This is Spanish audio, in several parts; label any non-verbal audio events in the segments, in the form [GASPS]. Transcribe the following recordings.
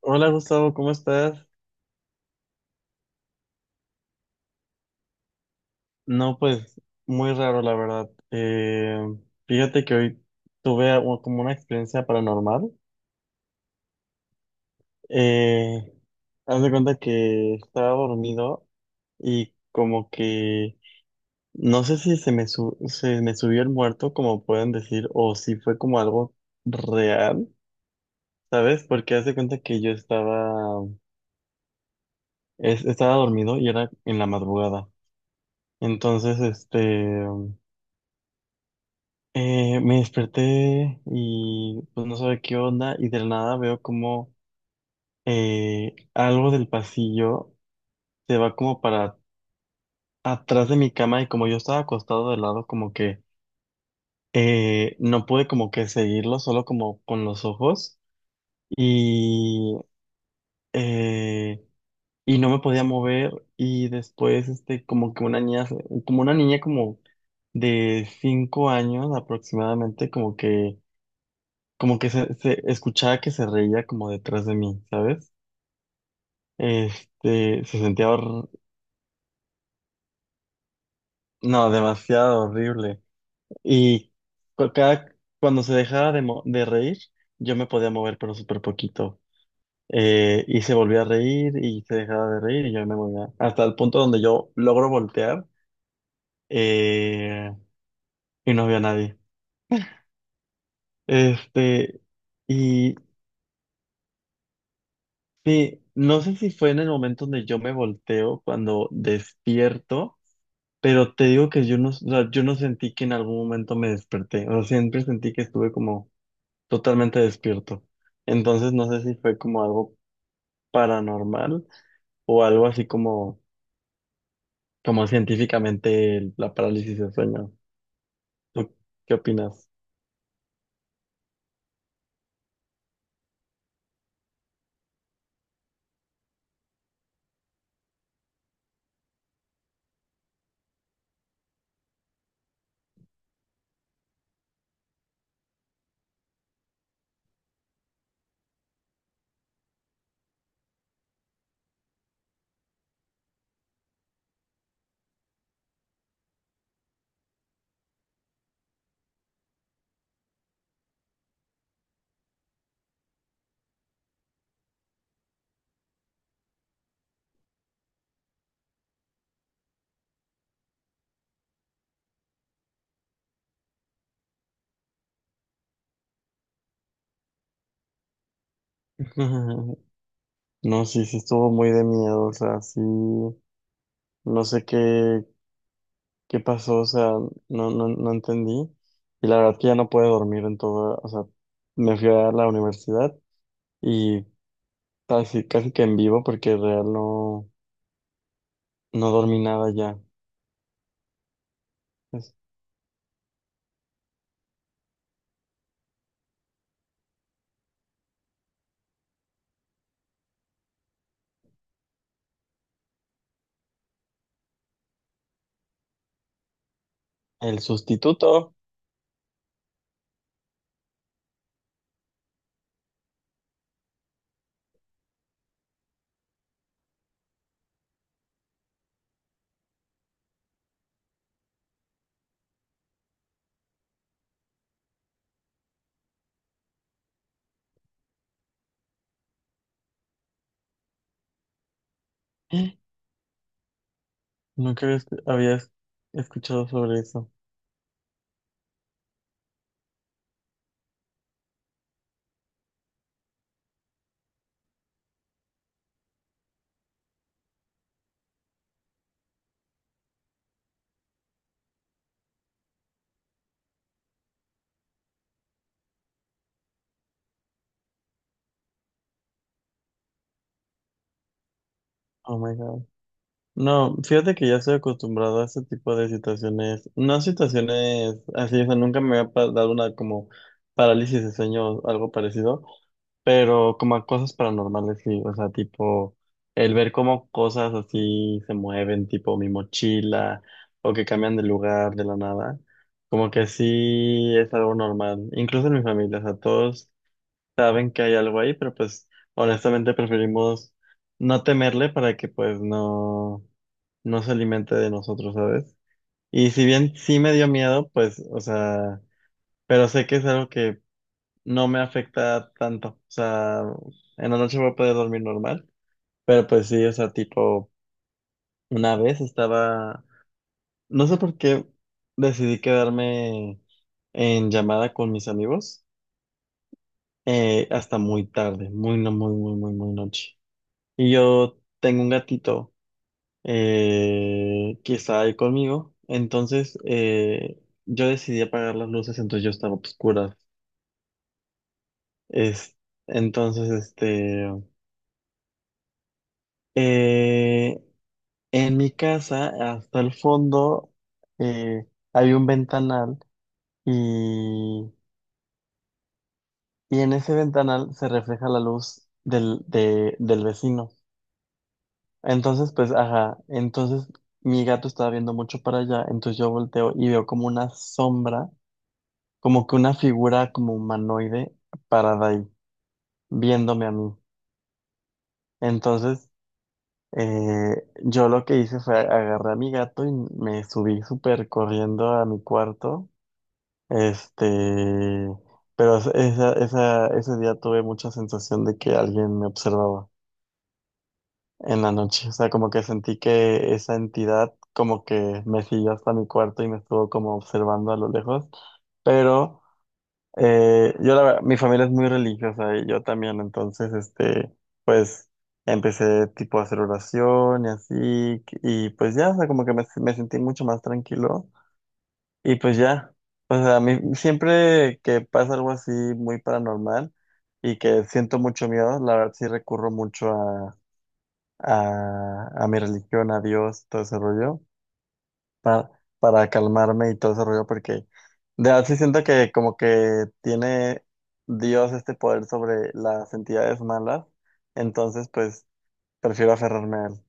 Hola Gustavo, ¿cómo estás? No, pues muy raro la verdad. Fíjate que hoy tuve como una experiencia paranormal. Eh, Haz de cuenta que estaba dormido, y como que no sé si se me subió el muerto, como pueden decir, o si fue como algo real, ¿sabes? Porque haz de cuenta que yo estaba dormido y era en la madrugada. Entonces. Me desperté y pues no sabía qué onda, y de la nada veo como algo del pasillo se va como para atrás de mi cama, y como yo estaba acostado de lado, como que no pude como que seguirlo solo como con los ojos, y, eh, y no me podía mover. Y después como que una niña como de 5 años aproximadamente, como que se escuchaba que se reía como detrás de mí, ¿sabes? Este, se sentía hor- no, demasiado horrible. Y cuando se dejaba de reír, yo me podía mover, pero súper poquito. Y se volvía a reír y se dejaba de reír y yo me movía. Hasta el punto donde yo logro voltear, eh, y no había nadie. Este, y sí, no sé si fue en el momento donde yo me volteo cuando despierto. Pero te digo que yo no, o sea, yo no sentí que en algún momento me desperté. O sea, siempre sentí que estuve como totalmente despierto. Entonces no sé si fue como algo paranormal o algo así como científicamente la parálisis de sueño. ¿Tú qué opinas? [LAUGHS] No, sí, sí estuvo muy de miedo. O sea, sí, no sé qué pasó. O sea, no, no, no entendí. Y la verdad que ya no pude dormir en todo. O sea, me fui a la universidad, y casi, casi que en vivo, porque real no, no dormí nada ya. Es el sustituto. [GASPS] ¿No crees que habías escuchado sobre eso? Oh my God. No, fíjate que ya estoy acostumbrado a este tipo de situaciones, no situaciones así, o sea, nunca me había dado una como parálisis de sueño o algo parecido, pero como a cosas paranormales, sí, o sea, tipo el ver cómo cosas así se mueven, tipo mi mochila o que cambian de lugar de la nada, como que sí es algo normal, incluso en mi familia. O sea, todos saben que hay algo ahí, pero pues honestamente preferimos no temerle para que pues no no se alimente de nosotros, ¿sabes? Y si bien sí me dio miedo, pues, o sea, pero sé que es algo que no me afecta tanto. O sea, en la noche voy a poder dormir normal, pero pues sí, o sea, tipo, una vez estaba, no sé por qué decidí quedarme en llamada con mis amigos hasta muy tarde, muy, no, muy, muy, muy, muy noche. Y yo tengo un gatito, que estaba ahí conmigo. Entonces yo decidí apagar las luces, entonces yo estaba oscura. Es, entonces, eh, en mi casa, hasta el fondo, eh, había un ventanal, y, y en ese ventanal se refleja la luz del vecino. Entonces, pues, ajá, entonces mi gato estaba viendo mucho para allá, entonces yo volteo y veo como una sombra, como que una figura como humanoide parada ahí, viéndome a mí. Entonces, eh, yo lo que hice fue agarré a mi gato y me subí súper corriendo a mi cuarto. Este, pero ese día tuve mucha sensación de que alguien me observaba en la noche. O sea, como que sentí que esa entidad como que me siguió hasta mi cuarto y me estuvo como observando a lo lejos. Pero yo la verdad, mi familia es muy religiosa y yo también. Entonces, este, pues, empecé tipo a hacer oración y así, y pues ya, o sea, como que me sentí mucho más tranquilo. Y pues ya, o sea, a mí siempre que pasa algo así muy paranormal y que siento mucho miedo, la verdad sí recurro mucho a mi religión, a Dios, todo ese rollo, para, para calmarme y todo ese rollo, porque de verdad sí siento que como que tiene Dios este poder sobre las entidades malas. Entonces, pues, prefiero aferrarme a él.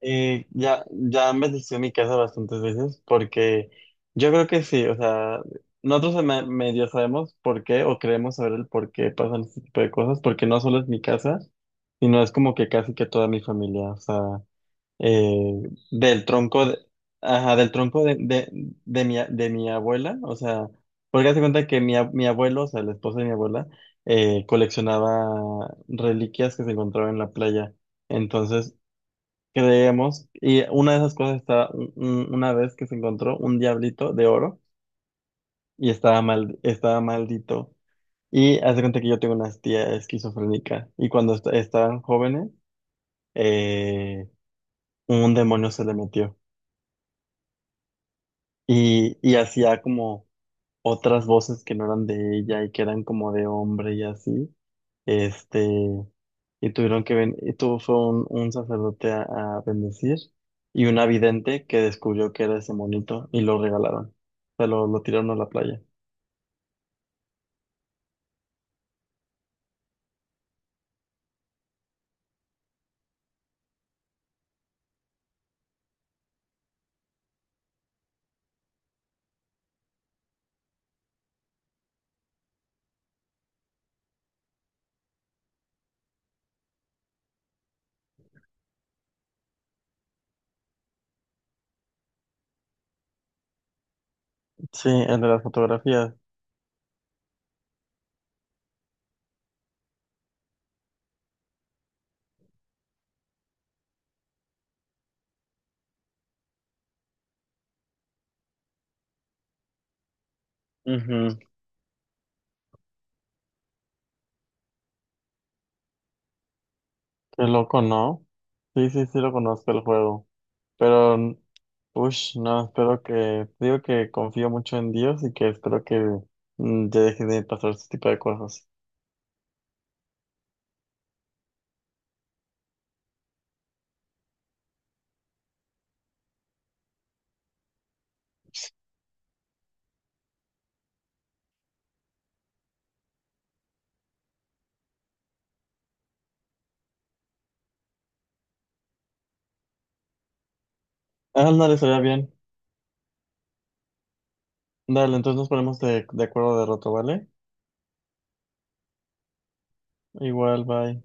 Y ya, ya han bendecido mi casa bastantes veces, porque yo creo que sí, o sea, nosotros medio sabemos por qué o creemos saber el por qué pasan este tipo de cosas, porque no solo es mi casa, sino es como que casi que toda mi familia, o sea. eh, Del tronco de, ajá, del tronco de mi, a- de mi abuela, o sea. Porque hace cuenta que mi abuelo, o sea, la esposa de mi abuela, coleccionaba reliquias que se encontraban en la playa. Entonces, creemos, y una de esas cosas estaba, una vez que se encontró un diablito de oro, y estaba mal, estaba maldito. Y hace cuenta que yo tengo una tía esquizofrénica, y cuando estaban jóvenes, eh, un demonio se le metió. Y hacía como otras voces que no eran de ella y que eran como de hombre y así. Este, y tuvieron que ven, y tuvo fue un sacerdote a bendecir, y una vidente que descubrió que era ese monito, y lo regalaron, lo tiraron a la playa. Sí, el de las fotografías. Ujú. Qué loco, ¿no? Sí, sí, sí lo conozco el juego. Pero, uff, no, espero que, digo que confío mucho en Dios y que espero que ya deje de pasar este tipo de cosas. Ah, no, estaría bien. Dale, entonces nos ponemos de acuerdo de rato, ¿vale? Igual, bye.